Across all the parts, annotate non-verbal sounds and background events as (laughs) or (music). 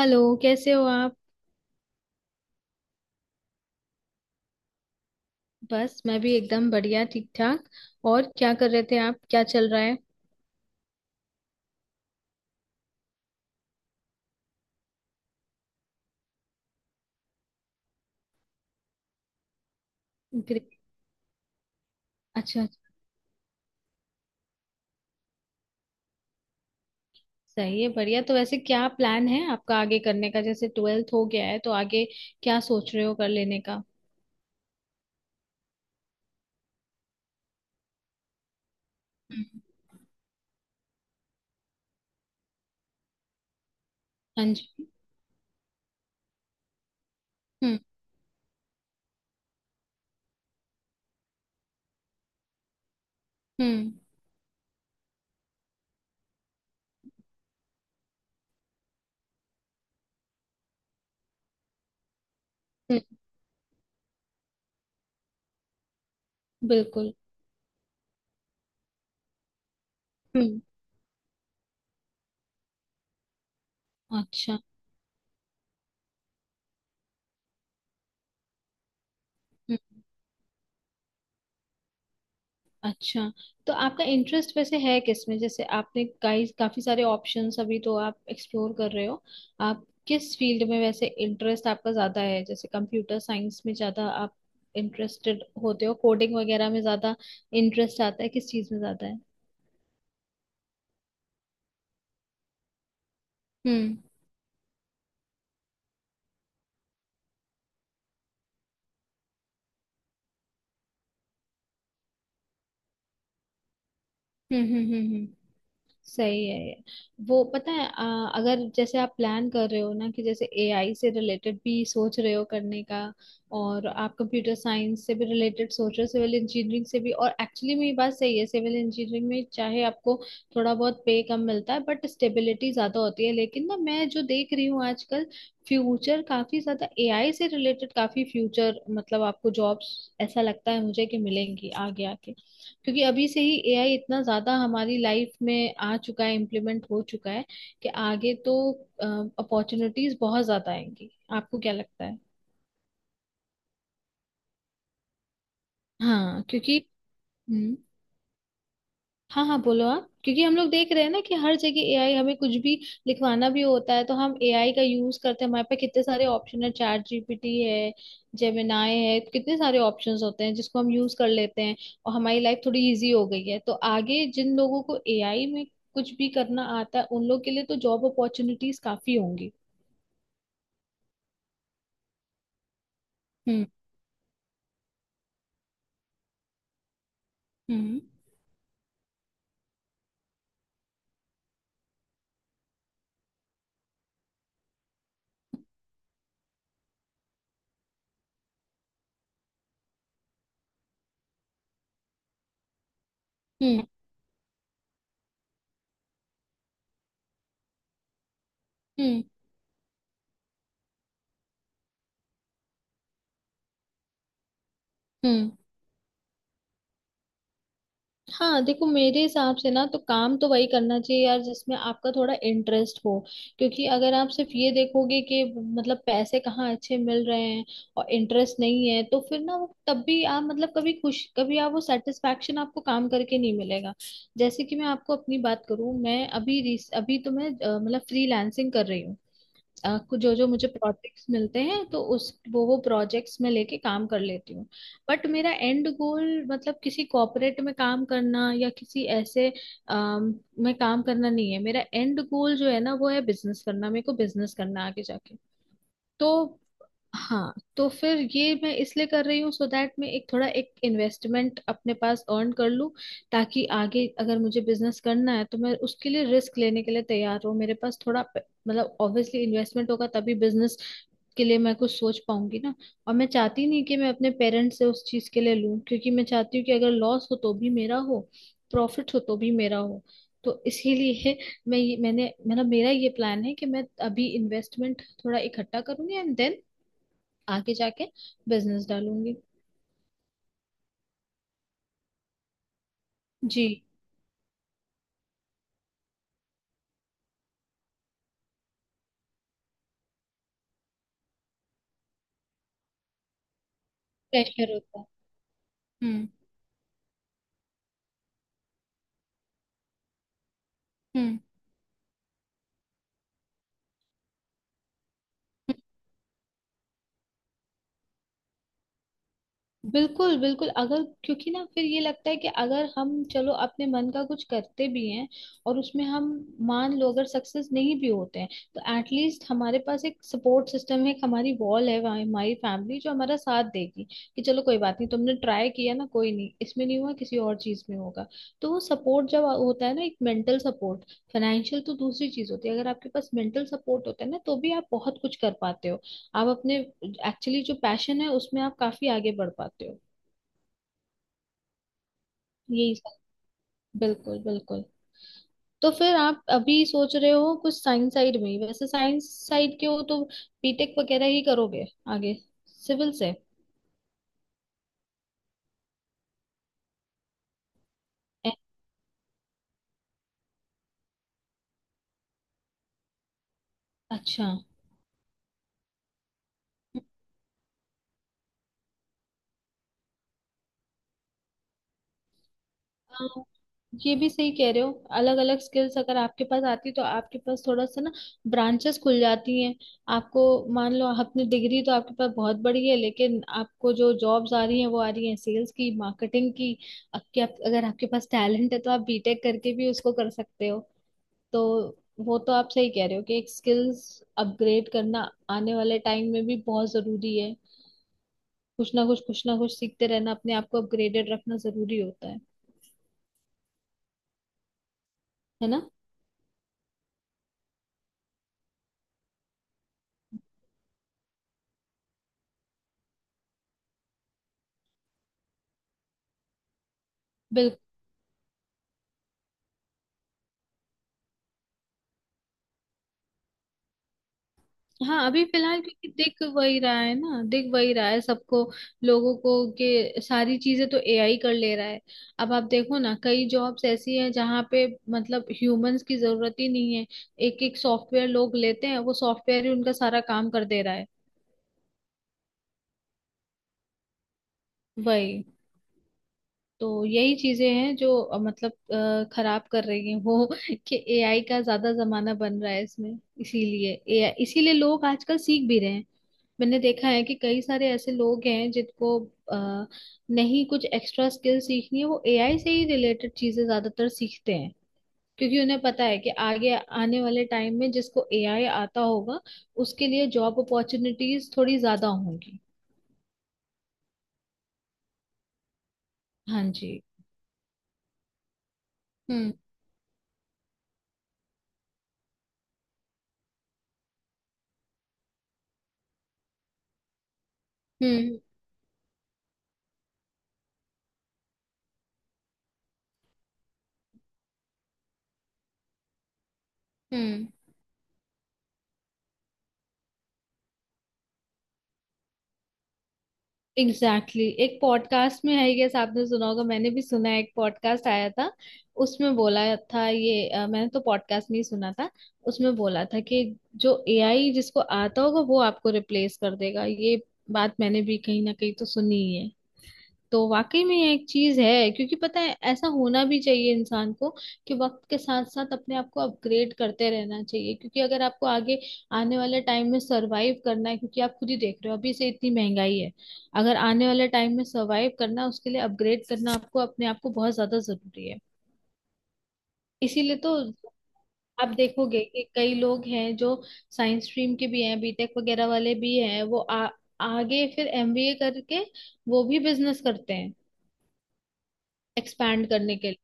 Hello, कैसे हो आप। बस मैं भी एकदम बढ़िया, ठीक ठाक। और क्या कर रहे थे आप, क्या चल रहा है। ग्रे- अच्छा अच्छा। सही है, बढ़िया। तो वैसे क्या प्लान है आपका आगे करने का, जैसे ट्वेल्थ हो गया है तो आगे क्या सोच रहे हो कर लेने का। हम्म। हाँ जी। हम्म। हम्म। हम्म। बिल्कुल। हम्म। अच्छा अच्छा, तो आपका इंटरेस्ट वैसे है किसमें, जैसे आपने कई काफी सारे ऑप्शंस अभी तो आप एक्सप्लोर कर रहे हो। आप किस फील्ड में वैसे इंटरेस्ट आपका ज्यादा है, जैसे कंप्यूटर साइंस में ज्यादा आप इंटरेस्टेड होते हो, कोडिंग वगैरह में ज्यादा इंटरेस्ट आता है, किस चीज में ज्यादा है। हम्म हम्म हम्म हम्म हम्म। सही है ये। वो पता है अगर जैसे आप प्लान कर रहे हो ना कि जैसे एआई से रिलेटेड भी सोच रहे हो करने का, और आप कंप्यूटर साइंस से भी रिलेटेड सोच रहे हो, सिविल इंजीनियरिंग से भी, और एक्चुअली में ये बात सही है सिविल इंजीनियरिंग में चाहे आपको थोड़ा बहुत पे कम मिलता है बट स्टेबिलिटी ज्यादा होती है, लेकिन ना मैं जो देख रही हूँ आजकल फ्यूचर काफी ज्यादा एआई से रिलेटेड, काफी फ्यूचर मतलब आपको जॉब्स ऐसा लगता है मुझे कि मिलेंगी आगे आके, क्योंकि अभी से ही एआई इतना ज्यादा हमारी लाइफ में आ चुका है, इम्प्लीमेंट हो चुका है कि आगे तो अपॉर्चुनिटीज बहुत ज्यादा आएंगी। आपको क्या लगता है। हाँ क्योंकि। हम्म। हाँ हाँ, बोलो आप, क्योंकि हम लोग देख रहे हैं ना कि हर जगह एआई, हमें कुछ भी लिखवाना भी होता है तो हम एआई का यूज करते हैं, हमारे पे कितने सारे ऑप्शन है, चैट जीपीटी है, जेमिनाई है, कितने सारे ऑप्शंस होते हैं जिसको हम यूज कर लेते हैं और हमारी लाइफ थोड़ी इजी हो गई है। तो आगे जिन लोगों को एआई में कुछ भी करना आता है उन लोग के लिए तो जॉब अपॉर्चुनिटीज काफी होंगी। हम्म हम्म हम्म हम्म हम्म। हाँ देखो, मेरे हिसाब से ना तो काम तो वही करना चाहिए यार जिसमें आपका थोड़ा इंटरेस्ट हो, क्योंकि अगर आप सिर्फ ये देखोगे कि मतलब पैसे कहाँ अच्छे मिल रहे हैं और इंटरेस्ट नहीं है, तो फिर ना वो तब भी आप मतलब कभी खुश, कभी आप वो सेटिस्फेक्शन आपको काम करके नहीं मिलेगा। जैसे कि मैं आपको अपनी बात करूँ, मैं अभी रिस- अभी तो मैं अ, मतलब फ्रीलांसिंग कर रही हूँ। कुछ जो जो मुझे प्रोजेक्ट्स मिलते हैं तो उस वो प्रोजेक्ट्स में लेके काम कर लेती हूँ। बट मेरा एंड गोल मतलब किसी कॉर्पोरेट में काम करना या किसी ऐसे में काम करना नहीं है। मेरा एंड गोल जो है ना वो है बिजनेस करना, मेरे को बिजनेस करना है आगे जाके। तो हाँ, तो फिर ये मैं इसलिए कर रही हूँ सो दैट मैं एक थोड़ा एक इन्वेस्टमेंट अपने पास अर्न कर लूँ, ताकि आगे अगर मुझे बिजनेस करना है तो मैं उसके लिए रिस्क लेने के लिए तैयार हूँ। मेरे पास थोड़ा मतलब ऑब्वियसली इन्वेस्टमेंट होगा तभी बिजनेस के लिए मैं कुछ सोच पाऊंगी ना। और मैं चाहती नहीं कि मैं अपने पेरेंट्स से उस चीज के लिए लूं, क्योंकि मैं चाहती हूँ कि अगर लॉस हो तो भी मेरा हो, प्रॉफिट हो तो भी मेरा हो। तो इसीलिए मैं ये मैंने मतलब मेरा ये प्लान है कि मैं अभी इन्वेस्टमेंट थोड़ा इकट्ठा करूंगी एंड देन आगे जाके बिजनेस डालूंगी। जी। प्रेशर होता है। हम्म। हम्म। बिल्कुल बिल्कुल, अगर क्योंकि ना फिर ये लगता है कि अगर हम चलो अपने मन का कुछ करते भी हैं और उसमें हम मान लो अगर सक्सेस नहीं भी होते हैं, तो एटलीस्ट हमारे पास एक सपोर्ट सिस्टम है, एक हमारी वॉल है वहाँ, हमारी फैमिली जो हमारा साथ देगी कि चलो कोई बात नहीं, तुमने ट्राई किया ना, कोई नहीं, इसमें नहीं हुआ किसी और चीज में होगा। तो वो सपोर्ट जब होता है ना, एक मेंटल सपोर्ट, फाइनेंशियल तो दूसरी चीज होती है, अगर आपके पास मेंटल सपोर्ट होता है ना तो भी आप बहुत कुछ कर पाते हो, आप अपने एक्चुअली जो पैशन है उसमें आप काफी आगे बढ़ पाते हो। यही सब। बिल्कुल बिल्कुल। तो फिर आप अभी सोच रहे हो कुछ साइंस साइड में ही, वैसे साइंस साइड के हो तो बीटेक वगैरह ही करोगे आगे, सिविल से। ए- अच्छा। हाँ। ये भी सही कह रहे हो, अलग अलग स्किल्स अगर आपके पास आती तो आपके पास थोड़ा सा ना ब्रांचेस खुल जाती हैं आपको। मान लो आपने डिग्री तो आपके पास बहुत बड़ी है लेकिन आपको जो जॉब्स आ रही हैं वो आ रही हैं सेल्स की, मार्केटिंग की, अगर आपके पास टैलेंट है तो आप बीटेक करके भी उसको कर सकते हो। तो वो तो आप सही कह रहे हो कि एक स्किल्स अपग्रेड करना आने वाले टाइम में भी बहुत जरूरी है। कुछ ना कुछ सीखते रहना, अपने आप को अपग्रेडेड रखना जरूरी होता है ना। बिल्कुल। हाँ अभी फिलहाल क्योंकि दिख वही रहा है ना, दिख वही रहा है सबको, लोगों को के सारी चीजें तो एआई कर ले रहा है। अब आप देखो ना कई जॉब्स ऐसी हैं जहाँ पे मतलब ह्यूमंस की जरूरत ही नहीं है, एक एक सॉफ्टवेयर लोग लेते हैं वो सॉफ्टवेयर ही उनका सारा काम कर दे रहा है। वही, तो यही चीजें हैं जो मतलब खराब कर रही हैं वो (laughs) कि एआई का ज्यादा जमाना बन रहा है इसमें। इसीलिए एआई, इसीलिए लोग आजकल सीख भी रहे हैं। मैंने देखा है कि कई सारे ऐसे लोग हैं जिनको आ, नहीं कुछ एक्स्ट्रा स्किल सीखनी है, वो एआई से ही रिलेटेड चीजें ज्यादातर सीखते हैं, क्योंकि उन्हें पता है कि आगे आने वाले टाइम में जिसको एआई आता होगा उसके लिए जॉब अपॉर्चुनिटीज थोड़ी ज्यादा होंगी। हाँ जी। हम्म। हम्म। हम्म। Exactly, exactly। एक पॉडकास्ट में आई गेस आपने सुना होगा, मैंने भी सुना है, एक पॉडकास्ट आया था उसमें बोला था ये, मैंने तो पॉडकास्ट नहीं सुना था, उसमें बोला था कि जो एआई जिसको आता होगा वो आपको रिप्लेस कर देगा। ये बात मैंने भी कहीं ना कहीं तो सुनी ही है। तो वाकई में ये एक चीज है, क्योंकि पता है ऐसा होना भी चाहिए इंसान को कि वक्त के साथ साथ अपने आप को अपग्रेड करते रहना चाहिए, क्योंकि अगर आपको आगे आने वाले टाइम में सरवाइव करना है, क्योंकि आप खुद ही देख रहे हो अभी से इतनी महंगाई है, अगर आने वाले टाइम में सरवाइव करना है, उसके लिए अपग्रेड करना आपको अपने आप को बहुत ज्यादा जरूरी है। इसीलिए तो आप देखोगे कि कई लोग हैं जो साइंस स्ट्रीम के भी हैं, बीटेक वगैरह वाले भी हैं, वो आगे फिर एमबीए करके वो भी बिजनेस करते हैं एक्सपैंड करने के लिए।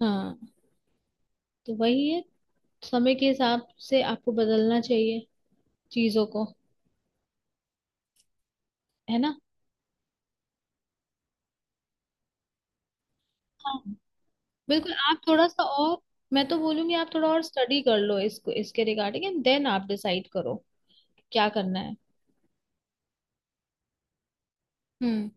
हाँ। तो वही है, समय के हिसाब से आपको बदलना चाहिए चीजों को, है ना। हाँ बिल्कुल, आप थोड़ा सा और, मैं तो बोलूंगी आप थोड़ा और स्टडी कर लो इसको, इसके रिगार्डिंग एंड देन आप डिसाइड करो क्या करना है। हम्म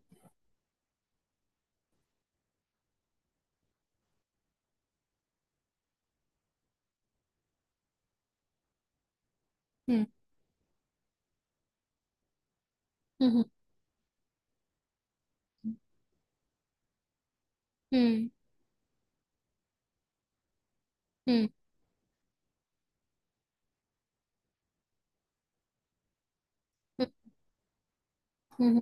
हम्म हम्म हम्म हम्म हम्म हम्म हम्म।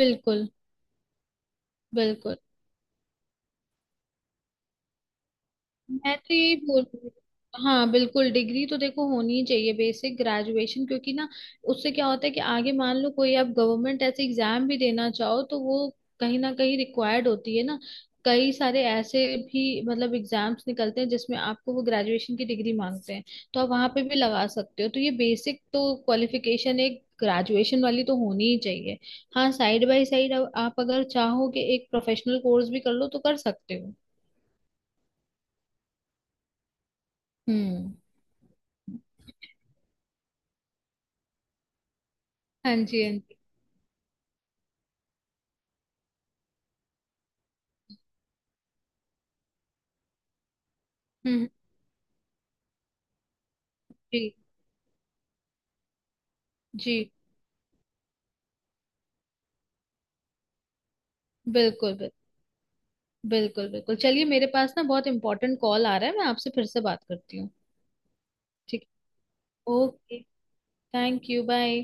बिल्कुल बिल्कुल, मैं तो यही बोल रही हूँ। हाँ बिल्कुल, डिग्री तो देखो होनी ही चाहिए, बेसिक ग्रेजुएशन, क्योंकि ना उससे क्या होता है कि आगे मान लो कोई आप गवर्नमेंट ऐसे एग्जाम भी देना चाहो तो वो कहीं ना कहीं रिक्वायर्ड होती है ना। कई सारे ऐसे भी मतलब एग्जाम्स निकलते हैं जिसमें आपको वो ग्रेजुएशन की डिग्री मांगते हैं, तो आप वहां पे भी लगा सकते हो। तो ये बेसिक तो क्वालिफिकेशन एक ग्रेजुएशन वाली तो होनी ही चाहिए। हाँ, साइड बाय साइड आप अगर चाहो कि एक प्रोफेशनल कोर्स भी कर लो तो कर सकते हो। हम्म। हाँ जी हाँ जी। हम्म। जी जी। बिल्कुल बिल्कुल। बिल्कुल बिल्कुल, चलिए मेरे पास ना बहुत इंपॉर्टेंट कॉल आ रहा है, मैं आपसे फिर से बात करती हूँ। ठीक। Okay, thank you, bye.